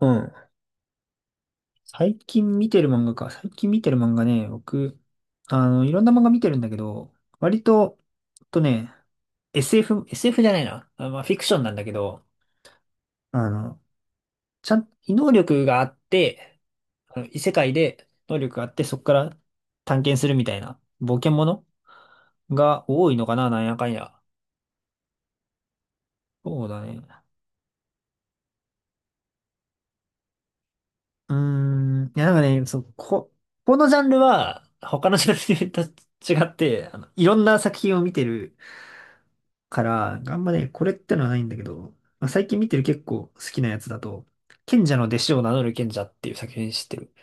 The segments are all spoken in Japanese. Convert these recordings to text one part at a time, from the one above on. うん。最近見てる漫画か。最近見てる漫画ね、僕、いろんな漫画見てるんだけど、割と、えっとね、SF、SF じゃないな。あまあ、フィクションなんだけど、あの、ちゃん、異能力があって、異世界で能力があって、そこから探検するみたいな冒険ものが多いのかな、なんやかんや。そうだね。うーん、いや、なんかね、そう、このジャンルは、他のジャンルと違って、いろんな作品を見てるから、あんまね、これってのはないんだけど、まあ、最近見てる結構好きなやつだと、賢者の弟子を名乗る賢者っていう作品知ってる？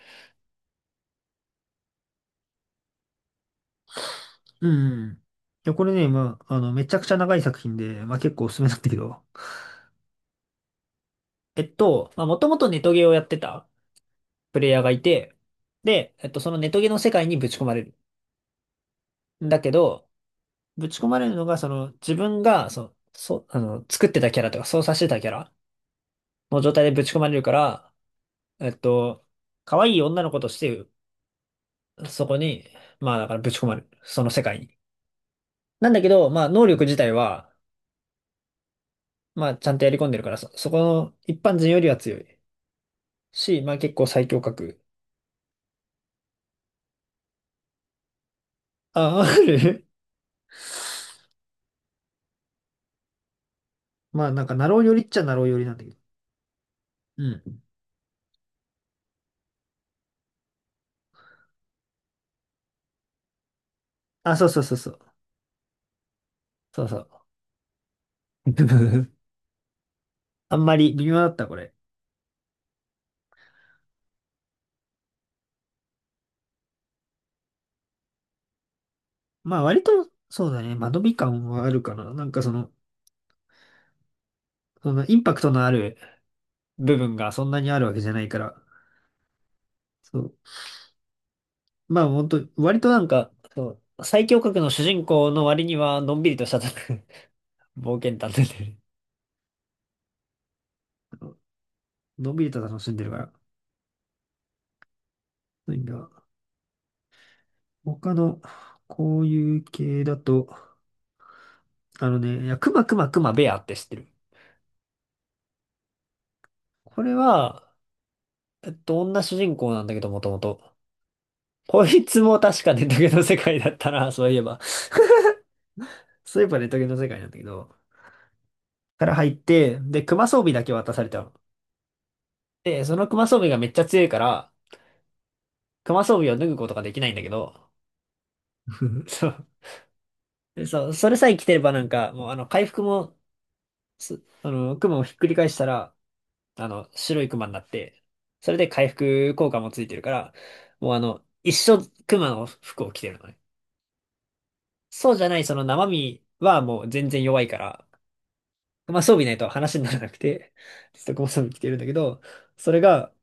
うんうん。いや、これね、まあ、めちゃくちゃ長い作品で、まあ結構おすすめなんだけど。まあもともとネトゲをやってたプレイヤーがいて、で、そのネトゲの世界にぶち込まれる。だけど、ぶち込まれるのが、その、自分が、その、そ、あの、作ってたキャラとか操作してたキャラの状態でぶち込まれるから、えっと、可愛い女の子としてそこに、まあだからぶち込まれる。その世界に。なんだけど、まあ能力自体は、まあちゃんとやり込んでるから、そこの一般人よりは強い。し、まあ結構最強格。あ、ある。 まあなんかナロー寄りっちゃナロー寄りなんだけど。うん。あ、そうそうそうそう。そうそう。あんまり微妙だった、これ。まあ割と、そうだね。間延び感はあるかな。なんかその、そのインパクトのある部分がそんなにあるわけじゃないから。そうまあ本当割となんか、そう、最強格の主人公の割には、のんびりとした 冒険探偵で、のんびりと楽しんでるから。なんか、他の、こういう系だと、いや、クマクマクマベアって知ってる？これは、女主人公なんだけど、もともと。こいつも確かネトゲの世界だったな、そういえば。そういえばネトゲの世界なんだけど、から入って、で、クマ装備だけ渡されたの。で、そのクマ装備がめっちゃ強いから、クマ装備を脱ぐことができないんだけど、うんそう。でそう、それさえ着てればなんか、もう回復も、す、あの、クマをひっくり返したら、白いクマになって、それで回復効果もついてるから、もう一生クマの服を着てるのね。そうじゃない、その生身はもう全然弱いから、まあ装備ないと話にならなくて、ずっとこの装備着てるんだけど、それが、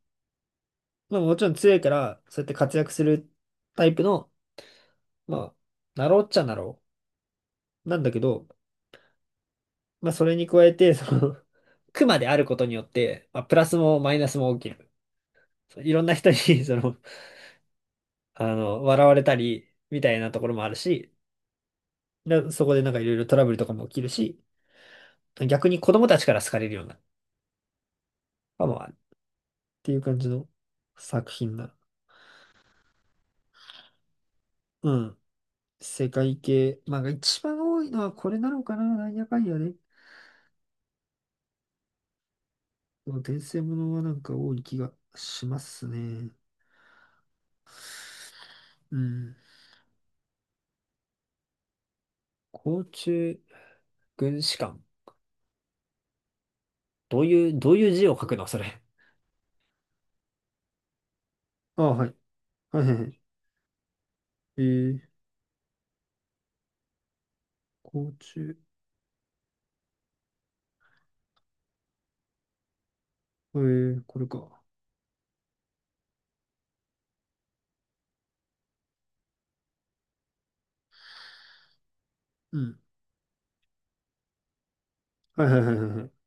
まあもちろん強いから、そうやって活躍するタイプの、まあ、なろうっちゃなろう。なんだけど、まあ、それに加えて、その、クマであることによって、まあ、プラスもマイナスも起きる。そういろんな人に その、笑われたり、みたいなところもあるし、そこでなんかいろいろトラブルとかも起きるし、逆に子供たちから好かれるような、かもあるっていう感じの作品だ。うん。世界系、まあ、一番多いのはこれなのかな、なんやかんやね。でも転生ものはなんか多い気がしますね。うん。甲虫軍師館。どういう字を書くのそれ？あ、はい。はいはいはい。えー、甲虫、これか。うん。はいはいはいはいはい。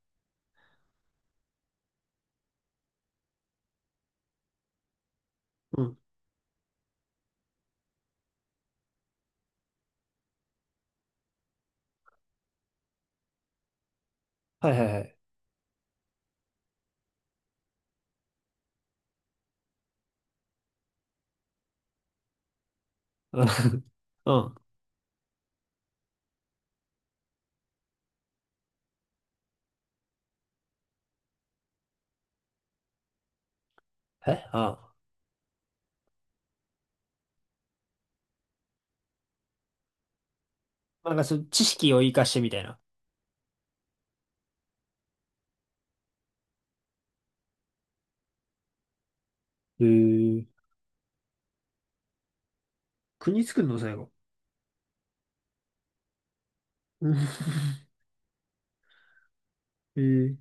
うん。はいはいはい。うん。うんえああ。なんかそう、知識を活かしてみたいな。えー、国作るの最後？うん。 えー、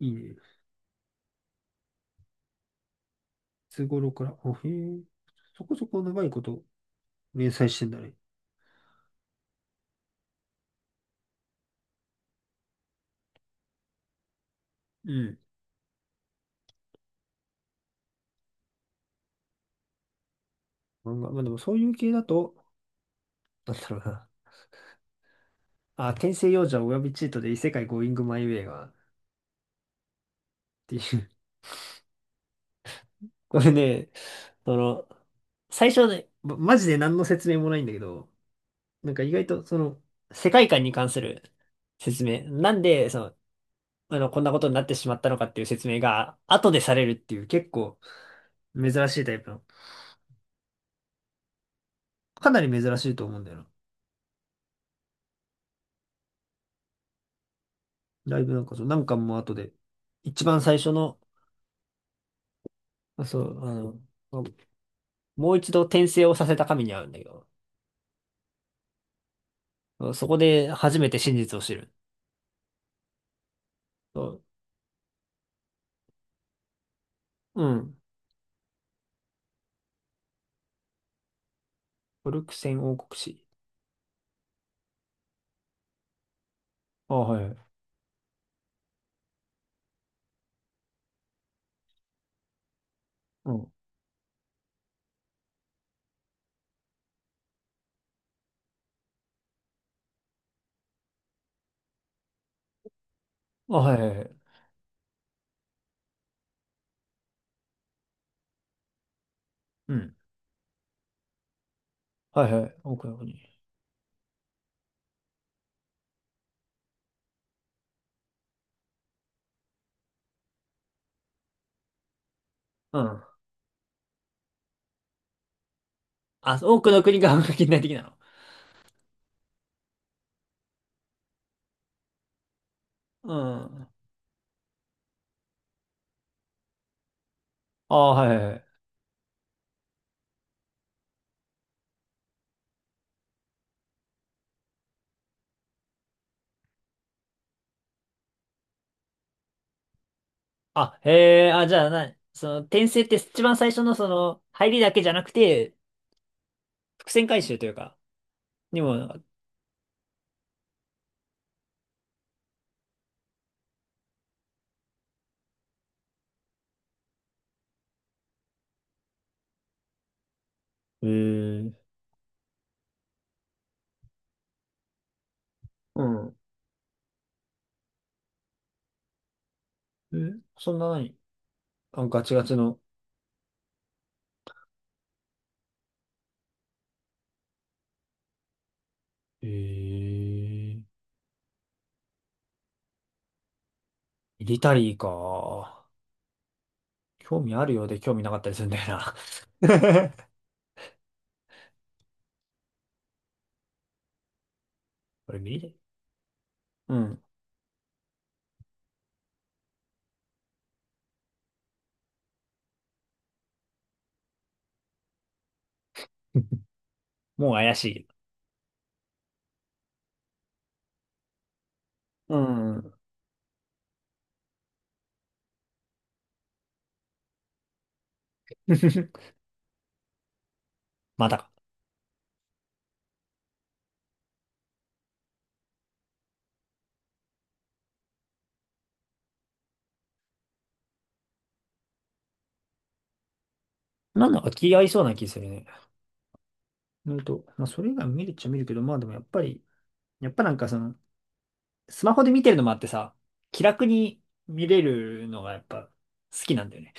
いいね。いつ頃から？あ、へえ。そこそこ長いこと連載してんだね。うん。漫画まあでもそういう系だと、なんだろうな。あ、転生幼女およびチートで異世界ゴーイングマイウェイが、っていうこれね、その、最初はね、マジで何の説明もないんだけど、なんか意外とその、世界観に関する説明。なんで、その、こんなことになってしまったのかっていう説明が、後でされるっていう結構珍しいタイプの。かなり珍しいと思うんだよな。ライブなんかそう、何巻も後で。一番最初の、そう、もう一度転生をさせた神に会うんだけど、そこで初めて真実を知る。そう、うん。オルクセン王国史。あ、はい。うん。あ、はいはいはい。うん。はいはい。多くの国。うん。あ、多くの国が半額近代的なの？うん。あ、はいはいはい。あ、へえ、あ、じゃあな、その、転生って一番最初のその、入りだけじゃなくて、伏線回収というか、にも、へえうん。え、そんな何。あ、ガチガチの？へえミリタリーか。興味あるようで興味なかったりするんだよな。これミリタリーうん。もう怪しい。うん。まあ、なんだか気合いそうな気するね。なと、まあ、それ以外も見るっちゃ見るけど、まあでもやっぱり、やっぱなんかその、スマホで見てるのもあってさ、気楽に見れるのがやっぱ好きなんだよね。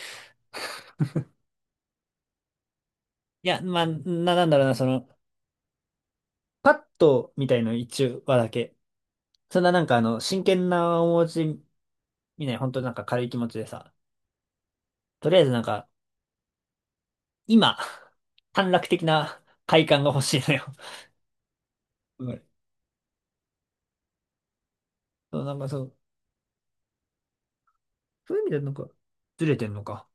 いや、まあ、なんだろうな、その、パッとみたいの一話だけ。そんななんか真剣な面持ち見ない、本当なんか軽い気持ちでさ、とりあえずなんか、今、短絡的な快感が欲しいのよ。うんそう、なんかそう、そういう意味でなんか、ずれてんのか。